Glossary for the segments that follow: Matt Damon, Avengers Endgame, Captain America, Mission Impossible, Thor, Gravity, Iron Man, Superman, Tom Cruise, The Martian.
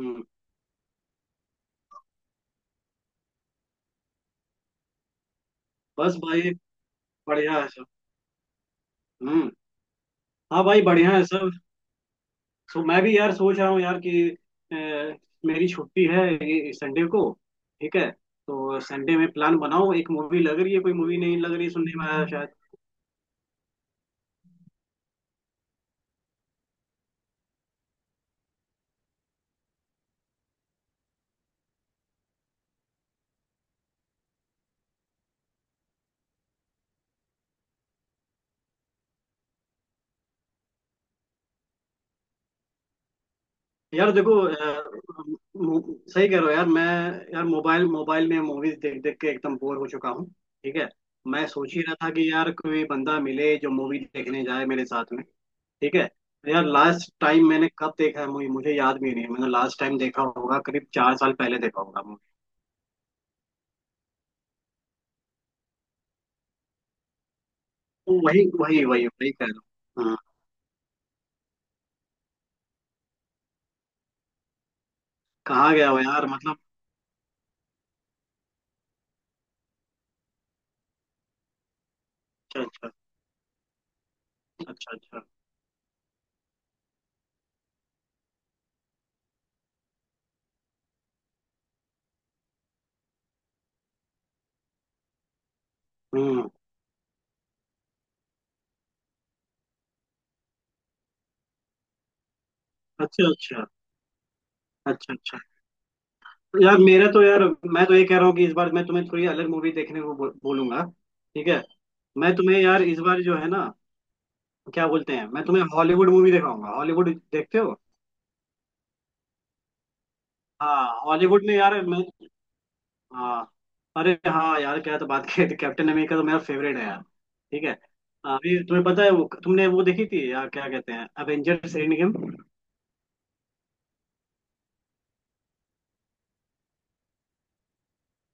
हम्म, बस भाई। बढ़िया है सब। हम्म। हाँ भाई बढ़िया है सब। सो मैं भी यार सोच रहा हूँ यार कि अ, मेरी छुट्टी है ये संडे को। ठीक है, तो संडे में प्लान बनाओ। एक मूवी लग रही है, कोई मूवी नहीं लग रही, सुनने में आया शायद। यार देखो, सही कह रहे हो यार। मैं यार मोबाइल मोबाइल में मूवीज देख देख के एकदम बोर हो चुका हूँ। ठीक है। मैं सोच ही रहा था कि यार कोई बंदा मिले जो मूवी देखने जाए मेरे साथ में। ठीक है। यार लास्ट टाइम मैंने कब देखा है मूवी मुझे याद भी नहीं है। मैंने लास्ट टाइम देखा होगा करीब 4 साल पहले देखा होगा मूवी। वही वही वही वही कह रहा हूँ। हाँ, कहाँ गया हो यार मतलब। अच्छा अच्छा। अच्छा अच्छा। हम्म। अच्छा अच्छा। अच्छा अच्छा। यार मेरा तो यार मैं तो ये कह रहा हूँ कि इस बार मैं तुम्हें थोड़ी अलग मूवी देखने को बोलूंगा। ठीक है। मैं तुम्हें यार इस बार जो है ना, क्या बोलते हैं, मैं तुम्हें हॉलीवुड मूवी दिखाऊंगा। हॉलीवुड देखते हो? हाँ हॉलीवुड में यार मैं। हाँ। अरे हाँ यार क्या तो बात कही थी, कैप्टन अमेरिका तो मेरा फेवरेट है यार। ठीक है। अभी तुम्हें पता है वो तुमने वो देखी थी यार, क्या कहते हैं, एवेंजर्स एंड गेम।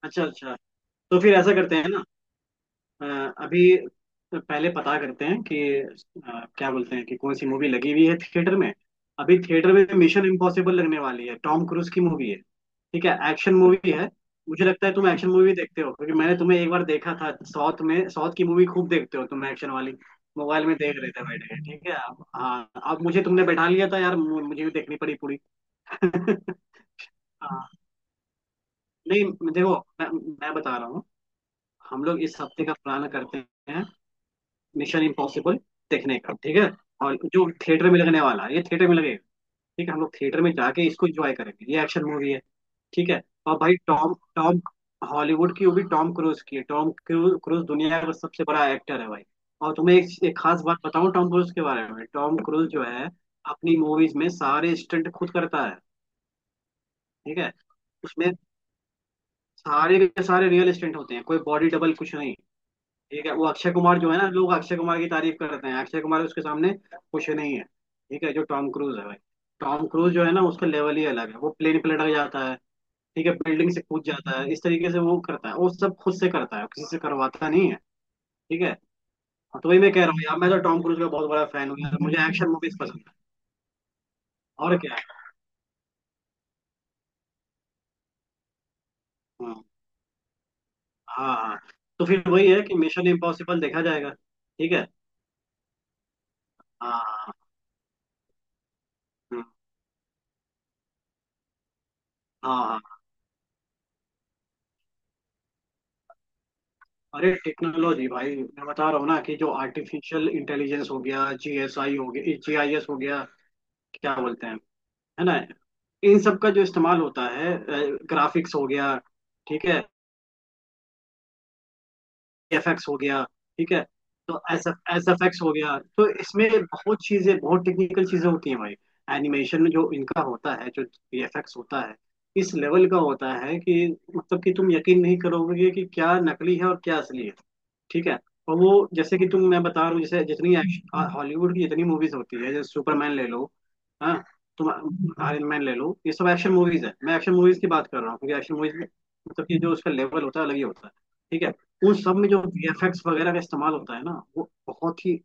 अच्छा अच्छा। तो फिर ऐसा करते हैं ना, अ, अभी तो पहले पता करते हैं कि क्या बोलते हैं कि कौन सी मूवी लगी हुई है थिएटर में। अभी थिएटर में मिशन इम्पॉसिबल लगने वाली है, टॉम क्रूज की मूवी है। ठीक है, एक्शन मूवी है। मुझे लगता है तुम एक्शन मूवी देखते हो क्योंकि मैंने तुम्हें एक बार देखा था, साउथ में साउथ की मूवी खूब देखते हो तुम, एक्शन वाली। मोबाइल में देख रहे थे बैठ के। ठीक है। हाँ, अब मुझे तुमने बैठा लिया था यार, मुझे भी देखनी पड़ी पूरी। हाँ नहीं, देखो मैं बता रहा हूँ। हम लोग इस हफ्ते का प्लान करते हैं, मिशन इम्पॉसिबल देखने का। ठीक है। और जो थिएटर में लगने वाला है ये थिएटर में लगेगा। ठीक है, हम लोग थिएटर में जाके इसको एंजॉय करेंगे, ये एक्शन मूवी है। ठीक है। और भाई टॉम टॉम हॉलीवुड की, वो भी टॉम क्रूज की है। टॉम क्रूज क्रूज दुनिया का सबसे बड़ा एक्टर है भाई। और तुम्हें एक खास बात बताऊं टॉम क्रूज के बारे में। टॉम क्रूज जो है, अपनी मूवीज में सारे स्टंट खुद करता है। ठीक है, उसमें सारे के सारे रियल स्टंट होते हैं, कोई बॉडी डबल कुछ नहीं। ठीक है। वो अक्षय कुमार जो है ना, लोग अक्षय कुमार की तारीफ करते हैं, अक्षय कुमार उसके सामने कुछ नहीं है। ठीक है। जो टॉम क्रूज है भाई, टॉम क्रूज जो है ना, उसका लेवल ही अलग है। वो प्लेन पे लटक जाता है। ठीक है, बिल्डिंग से कूद जाता है, इस तरीके से वो करता है। वो सब खुद से करता है, किसी से करवाता नहीं है। ठीक है। हाँ, तो वही मैं कह रहा हूँ यार, मैं तो टॉम क्रूज का बहुत बड़ा फैन हूँ यार, मुझे एक्शन मूवीज पसंद है। और क्या है। हाँ हाँ हाँ। तो फिर वही है कि मिशन इम्पॉसिबल देखा जाएगा, ठीक है। हाँ हाँ हाँ हाँ। अरे टेक्नोलॉजी भाई, मैं बता रहा हूँ ना, कि जो आर्टिफिशियल इंटेलिजेंस हो गया, जीएसआई हो गया, जीआईएस हो गया, क्या बोलते हैं, है ना, इन सब का जो इस्तेमाल होता है, ग्राफिक्स हो गया। ठीक है, एफएक्स हो गया। ठीक है। तो एस एफ एक्स हो गया, तो इसमें बहुत चीजें, बहुत टेक्निकल चीजें होती हैं भाई। एनिमेशन में जो इनका होता है, जो वीएफएक्स होता है, इस लेवल का होता है कि मतलब कि तुम यकीन नहीं करोगे कि क्या नकली है और क्या असली है। ठीक है। और वो जैसे कि तुम, मैं बता रहा हूँ, जैसे जितनी एक्शन हॉलीवुड की जितनी मूवीज होती है, जैसे सुपरमैन ले लो। हाँ। तुम आयरन मैन ले लो, ये सब एक्शन मूवीज है, मैं एक्शन मूवीज की बात कर रहा हूँ क्योंकि एक्शन मूवीज में मतलब कि जो उसका लेवल होता है अलग ही होता है। ठीक है। उन सब में जो वीएफएक्स वगैरह का इस्तेमाल होता है ना, वो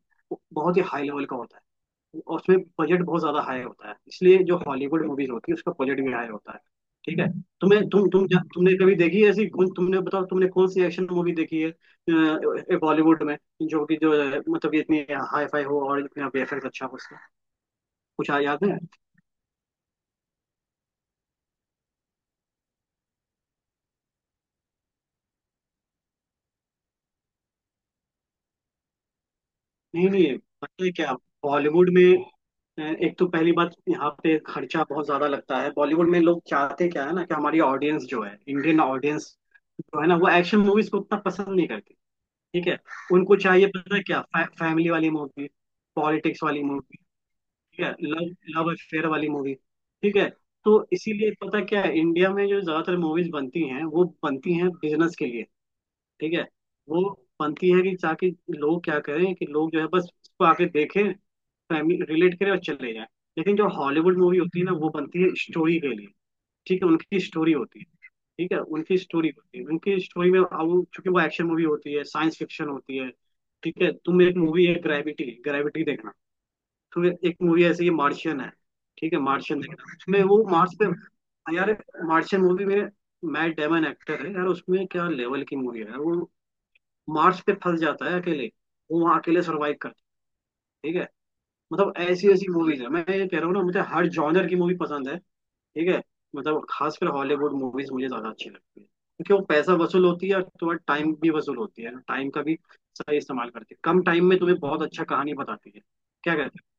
बहुत ही हाई लेवल का होता है। और उसमें बजट बहुत ज्यादा हाई होता है, इसलिए जो हॉलीवुड मूवीज होती है उसका बजट भी हाई होता है। ठीक है। हम्म। तुम्हें तुम जा- तुमने कभी देखी है ऐसी, कौन तुमने बताओ, तुमने कौन सी एक्शन मूवी देखी है, बॉलीवुड में, जो कि जो है, मतलब कि इतनी हाई फाई हो और इतना वेफर अच्छा हो उसका, कुछ याद है? नहीं नहीं, पता है क्या, बॉलीवुड में एक तो पहली बात, यहाँ पे खर्चा बहुत ज्यादा लगता है। बॉलीवुड में लोग चाहते क्या है ना कि हमारी ऑडियंस जो है, इंडियन ऑडियंस जो है ना, वो एक्शन मूवीज को उतना पसंद नहीं करती। ठीक है। उनको चाहिए, पता है क्या, फैमिली वाली मूवी, पॉलिटिक्स वाली मूवी। ठीक है, लव लव अफेयर वाली मूवी। ठीक है। तो इसीलिए पता क्या है, इंडिया में जो ज्यादातर मूवीज बनती हैं वो बनती हैं बिजनेस के लिए। ठीक है। वो बनती है कि, ताकि लोग क्या करें, कि लोग जो है बस इसको आके देखें, फैमिली रिलेट करें और चले जाएं। लेकिन जो हॉलीवुड मूवी होती है ना, वो बनती है स्टोरी के लिए। ठीक है, उनकी स्टोरी होती है। ठीक है उनकी स्टोरी होती है, उनकी स्टोरी में, अब चूंकि वो एक्शन मूवी होती है, साइंस फिक्शन होती है। ठीक है। तुम, एक मूवी है ग्रेविटी, ग्रेविटी देखना। तुम, एक मूवी ऐसी है मार्शियन है। ठीक है, मार्शियन देखना, उसमें वो मार्स पे, यार मार्शियन मूवी में मैट डेमन एक्टर है यार, उसमें क्या लेवल की मूवी है वो। मार्स पे फंस जाता है अकेले, वो वहां अकेले सर्वाइव करता है। ठीक है। मतलब ऐसी ऐसी मूवीज है, मैं ये कह रहा हूँ ना, मुझे हर जॉनर की मूवी पसंद है। ठीक है। मतलब खासकर हॉलीवुड मूवीज मुझे ज्यादा अच्छी लगती है, क्योंकि वो पैसा वसूल होती है और थोड़ा टाइम भी वसूल होती है, टाइम का भी सही इस्तेमाल करती है, कम टाइम में तुम्हें बहुत अच्छा कहानी बताती है। क्या कहते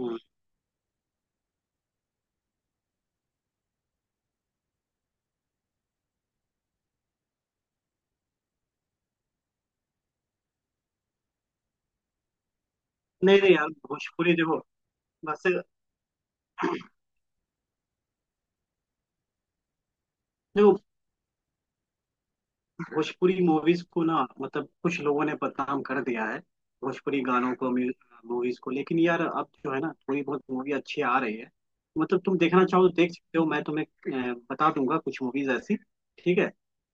हैं। नहीं नहीं यार, भोजपुरी देखो बस। देखो, भोजपुरी मूवीज को ना मतलब कुछ लोगों ने बदनाम कर दिया है, भोजपुरी गानों को, मूवीज को, लेकिन यार अब जो है ना थोड़ी बहुत मूवी अच्छी आ रही है। मतलब तुम देखना चाहो तो देख सकते हो, मैं तुम्हें बता दूंगा कुछ मूवीज ऐसी। ठीक है।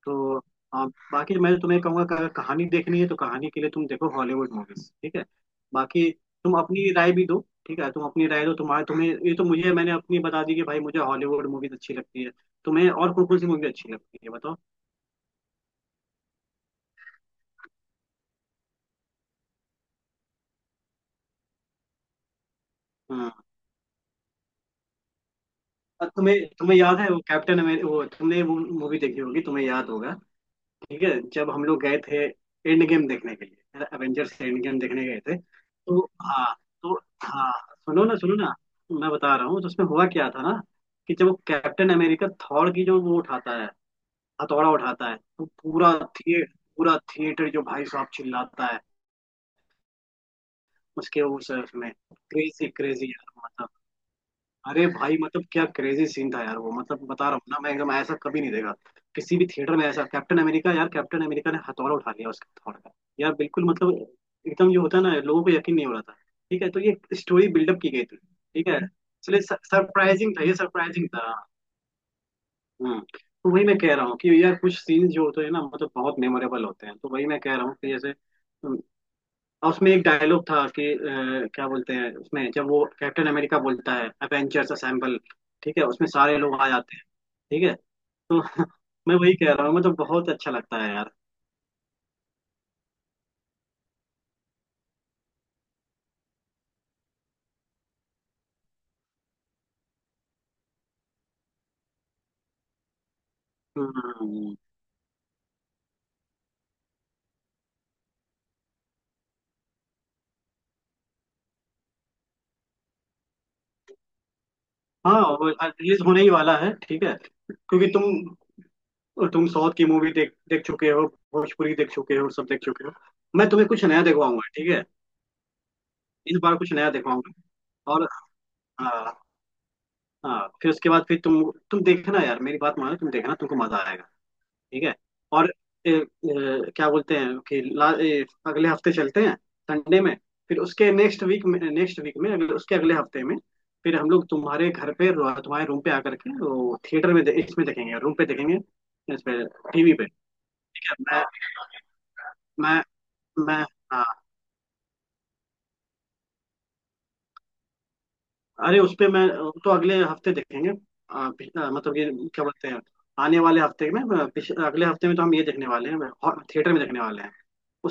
तो अ, बाकी मैं तो तुम्हें कहूंगा कि अगर कहानी देखनी है तो कहानी के लिए तुम देखो हॉलीवुड मूवीज। ठीक है। बाकी तुम अपनी राय भी दो। ठीक है, तुम अपनी राय दो, तुम्हारे तुम्हें, ये तो मुझे, मैंने अपनी बता दी कि भाई मुझे हॉलीवुड मूवीज अच्छी लगती है, तुम्हें और कौन कौन सी मूवी अच्छी लगती है बताओ। हाँ। और तुम्हें तुम्हें याद है वो कैप्टन अमेरिका, वो तुमने वो मूवी देखी होगी, तुम्हें याद होगा। ठीक है। जब हम लोग गए थे एंड गेम देखने के लिए, एवेंजर्स एंड गेम देखने गए थे तो, हाँ, तो हाँ, सुनो ना सुनो ना, मैं बता रहा हूँ, तो उसमें हुआ क्या था ना, कि जब वो कैप्टन अमेरिका थॉर की जो वो उठाता है, हथौड़ा उठाता है, तो पूरा थिएटर, पूरा थिएटर जो भाई साहब चिल्लाता है, उसके उस उसमें, क्रेजी क्रेजी यार। अरे भाई, मतलब क्या क्रेजी सीन था यार वो, मतलब बता रहा हूँ ना मैं, एकदम ऐसा कभी नहीं देखा किसी भी थिएटर में ऐसा। कैप्टन अमेरिका यार, कैप्टन अमेरिका ने हथौड़ा उठा लिया, उसके हथौड़े का यार, बिल्कुल मतलब एकदम, जो होता है ना, लोगों को यकीन नहीं हो रहा था। ठीक है। तो ये स्टोरी बिल्डअप की गई थी, ठीक है, इसलिए सरप्राइजिंग था, ये सरप्राइजिंग था। हम्म तो वही मैं कह रहा हूँ कि यार कुछ सीन जो होते हैं ना, मतलब बहुत मेमोरेबल होते हैं, तो वही मैं कह रहा हूँ कि जैसे, और उसमें एक डायलॉग था कि क्या बोलते हैं, उसमें जब वो कैप्टन अमेरिका बोलता है अवेंजर्स असेंबल, ठीक है, उसमें सारे लोग आ जाते हैं। ठीक है। तो मैं वही कह रहा हूँ, मुझे तो बहुत अच्छा लगता है यार। हम्म। हाँ वो रिलीज होने ही वाला है। ठीक है। क्योंकि तुम साउथ की मूवी देख देख चुके हो, भोजपुरी देख चुके हो, सब देख चुके हो। मैं तुम्हें कुछ नया दिखवाऊंगा। ठीक है, इस बार कुछ नया दिखवाऊंगा। और हाँ हाँ, फिर उसके बाद फिर तुम देखना यार, मेरी बात मानो, तुम देखना तुमको मजा आएगा। ठीक है। और ए, ए, क्या बोलते हैं कि अगले हफ्ते चलते हैं संडे में। फिर उसके नेक्स्ट वीक में, उसके अगले हफ्ते में फिर हम लोग तुम्हारे घर पे तुम्हारे रूम पे आकर के, वो थिएटर में इसमें देखेंगे, रूम पे देखेंगे, इस पे, टीवी पे। ठीक है। मैं मैं मैं, हाँ, अरे उस पे मैं, तो अगले हफ्ते देखेंगे। मतलब कि क्या बोलते हैं, आने वाले हफ्ते में अगले हफ्ते में तो हम ये देखने वाले हैं, थिएटर में देखने वाले हैं।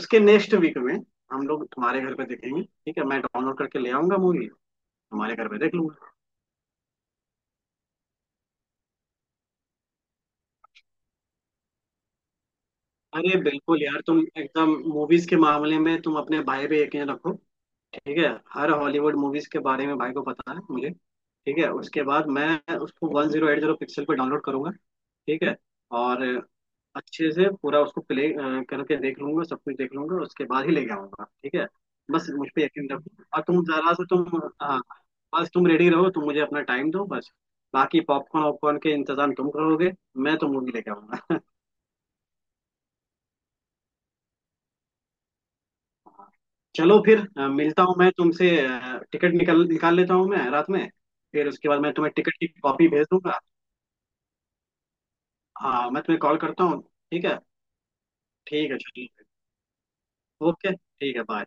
उसके नेक्स्ट वीक में हम लोग तुम्हारे घर पे देखेंगे। ठीक है, मैं डाउनलोड करके ले आऊंगा मूवी, तुम्हारे घर पे देख लूंगा। अरे बिल्कुल यार, तुम एकदम मूवीज के मामले में तुम अपने भाई पे यकीन रखो। ठीक है। हर हॉलीवुड मूवीज के बारे में भाई को पता है, मुझे। ठीक है। उसके बाद मैं उसको 1080p पर डाउनलोड करूंगा। ठीक है। और अच्छे से पूरा उसको प्ले करके देख लूंगा, सब कुछ देख लूंगा, उसके बाद ही लेके आऊंगा। ठीक है। बस मुझ पे यकीन रखो, और तुम जरा से तुम, हाँ, बस तुम रेडी रहो, तुम मुझे अपना टाइम दो बस। बाकी पॉपकॉर्न वॉपकॉर्न के इंतजाम तुम करोगे, मैं तो मूवी लेके आऊंगा। चलो फिर मिलता हूँ मैं तुमसे, टिकट निकाल निकाल लेता हूँ मैं रात में, फिर उसके बाद मैं तुम्हें टिकट की कॉपी भेज दूंगा। हाँ मैं तुम्हें कॉल करता हूँ। ठीक है। ठीक है चलिए। ओके ठीक है बाय।